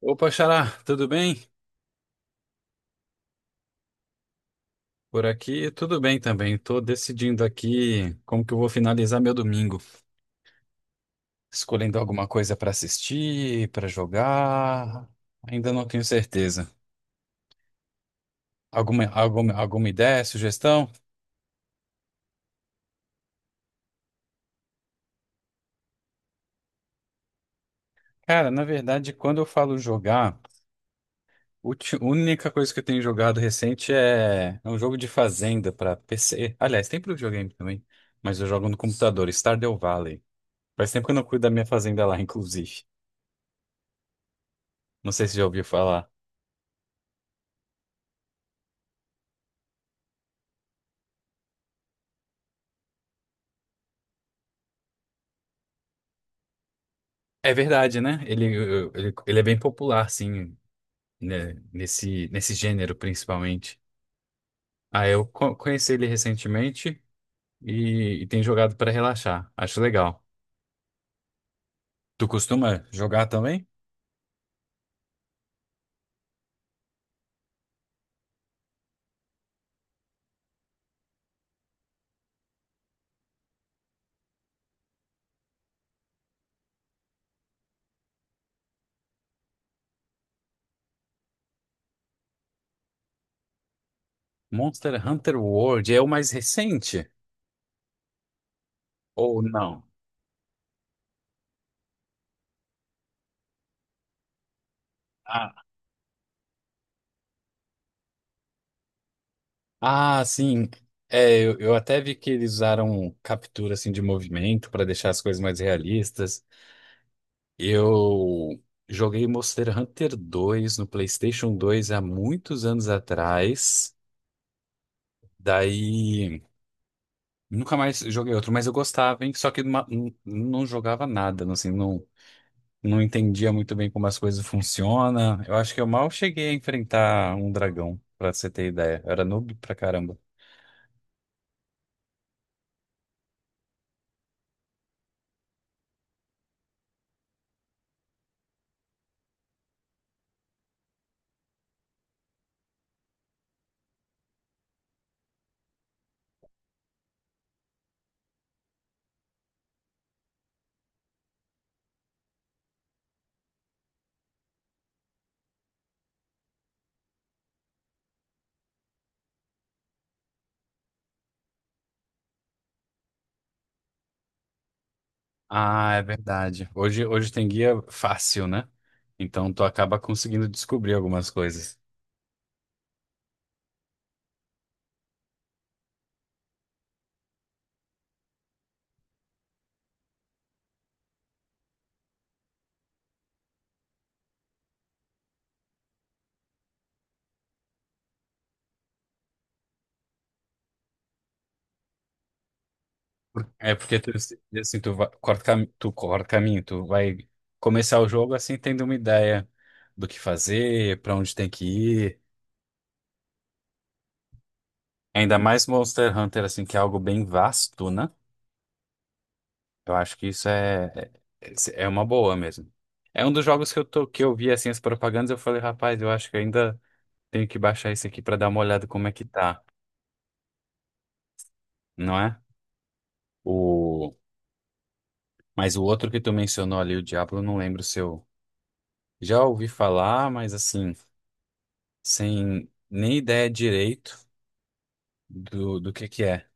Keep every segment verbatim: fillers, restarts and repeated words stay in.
Opa, Xará, tudo bem? Por aqui, tudo bem também. Estou decidindo aqui como que eu vou finalizar meu domingo. Escolhendo alguma coisa para assistir, para jogar. Ainda não tenho certeza. Alguma, alguma, alguma ideia, sugestão? Cara, na verdade, quando eu falo jogar, ulti- a única coisa que eu tenho jogado recente é, é um jogo de fazenda para P C. Aliás, tem para videogame também, mas eu jogo no computador, Stardew Valley. Faz tempo que eu não cuido da minha fazenda lá, inclusive. Não sei se já ouviu falar. É verdade, né? Ele, ele, ele é bem popular, sim, né? Nesse, nesse gênero, principalmente. Ah, eu co- conheci ele recentemente e, e tenho jogado para relaxar. Acho legal. Tu costuma jogar também? Monster Hunter World é o mais recente? Ou não? Ah, ah, sim. É, eu, eu até vi que eles usaram captura assim de movimento para deixar as coisas mais realistas. Eu joguei Monster Hunter dois no PlayStation dois há muitos anos atrás. Daí nunca mais joguei outro, mas eu gostava, hein? Só que numa- n- não jogava nada, não- assim, não, não entendia muito bem como as coisas funcionam. Eu acho que eu mal cheguei a enfrentar um dragão, pra você ter ideia. Eu era noob pra caramba. Ah, é verdade. Hoje, hoje tem guia fácil, né? Então tu acaba conseguindo descobrir algumas coisas. É porque tu, assim, tu vai, corta, cami- tu corta caminho, tu vai começar o jogo assim tendo uma ideia do que fazer, pra onde tem que ir. Ainda mais Monster Hunter, assim, que é algo bem vasto, né? Eu acho que isso é, é é uma boa mesmo. É um dos jogos que eu tô, que eu vi, assim, as propagandas, eu falei, rapaz, eu acho que ainda tenho que baixar esse aqui pra dar uma olhada como é que tá, não é? O, mas o outro que tu mencionou ali, o Diablo, eu não lembro se eu já ouvi falar, mas assim, sem nem ideia direito do, do que que é.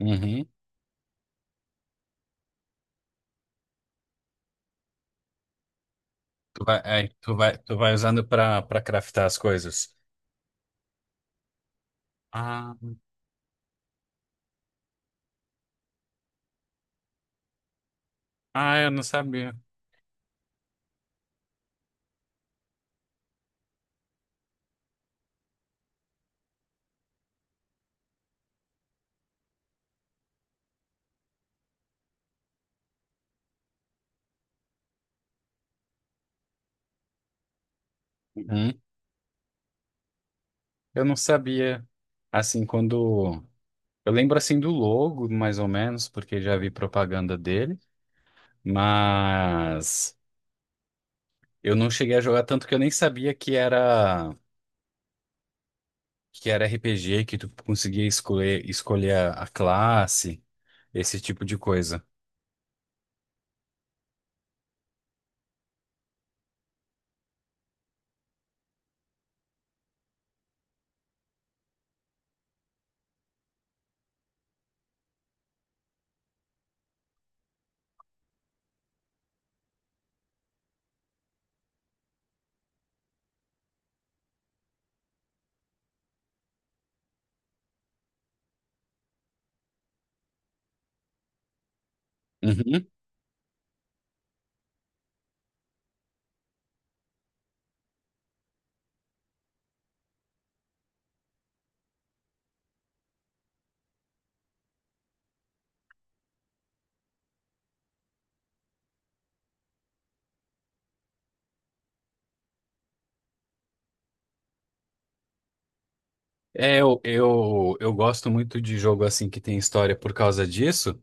Uhum. Tu vai, aí tu vai, tu vai usando pra, pra craftar as coisas. Ah, ah, eu não sabia. Uhum. Eu não sabia. Assim, quando. Eu lembro assim do logo, mais ou menos, porque já vi propaganda dele, mas eu não cheguei a jogar tanto que eu nem sabia que era que era R P G, que tu conseguia escolher, escolher a a classe, esse tipo de coisa. Uhum. É, eu, eu, eu gosto muito de jogo assim que tem história por causa disso,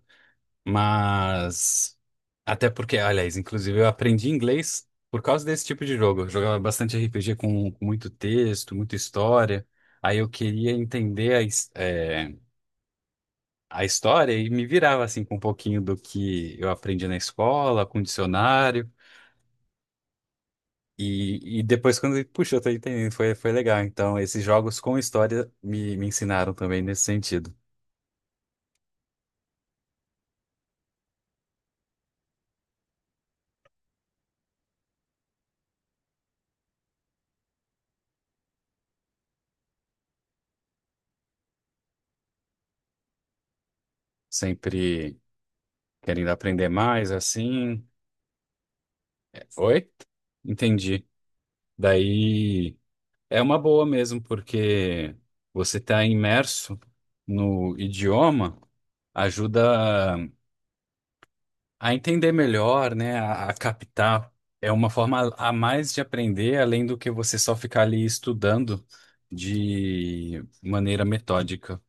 mas até porque, aliás, inclusive eu aprendi inglês por causa desse tipo de jogo. Eu jogava bastante R P G com, com muito texto, muita história. Aí eu queria entender a, his- é, a história e me virava assim com um pouquinho do que eu aprendi na escola, com dicionário. E, e depois quando, eu- puxa, eu tô entendendo, foi, foi legal. Então, esses jogos com história me, me ensinaram também nesse sentido. Sempre querendo aprender mais, assim. É, Oi? Entendi. Daí é uma boa mesmo, porque você está imerso no idioma, ajuda a entender melhor, né? A, a captar. É uma forma a mais de aprender, além do que você só ficar ali estudando de maneira metódica.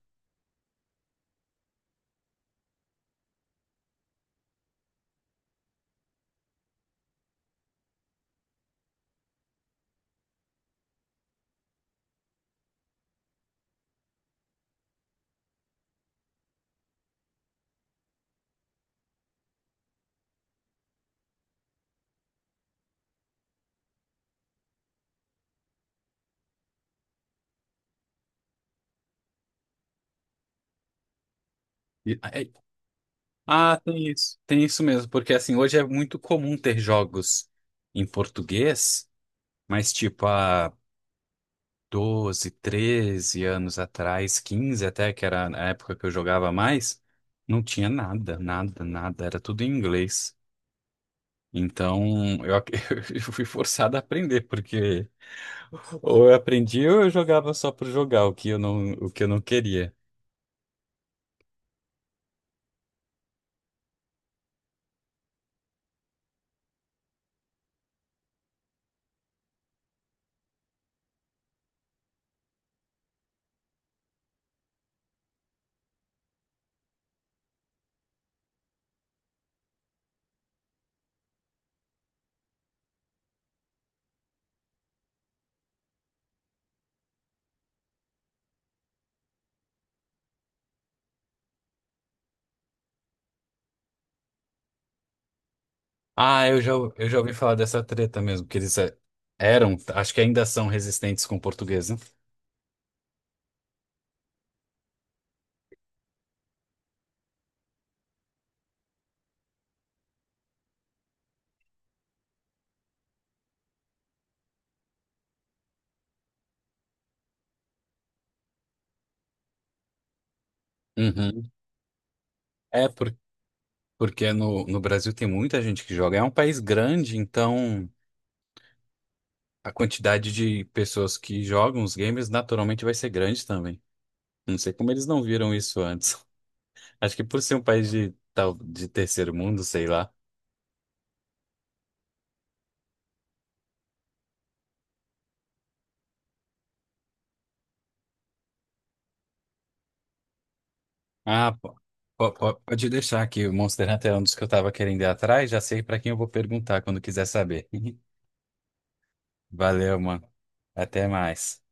E- é- ah, tem isso. Tem isso mesmo, porque assim, hoje é muito comum ter jogos em português. Mas tipo, há doze, treze anos atrás, quinze até, que era a época que eu jogava mais, não tinha nada, nada, nada, era tudo em inglês. Então eu, ac- eu fui forçado a aprender, porque ou eu aprendi ou eu jogava só por jogar, o que eu não, o que eu não queria. Ah, eu já, eu já ouvi falar dessa treta mesmo, que eles eh, eram, acho que ainda são resistentes com o português, né? Uhum. É por- porque no, no Brasil tem muita gente que joga. É um país grande, então a quantidade de pessoas que jogam os games naturalmente vai ser grande também. Não sei como eles não viram isso antes. Acho que por ser um país de, tal, de terceiro mundo, sei lá. Ah, po- po- po- pode deixar que o Monster Hunter é um dos que eu tava querendo ir atrás. Já sei pra quem eu vou perguntar quando quiser saber. Valeu, mano. Até mais.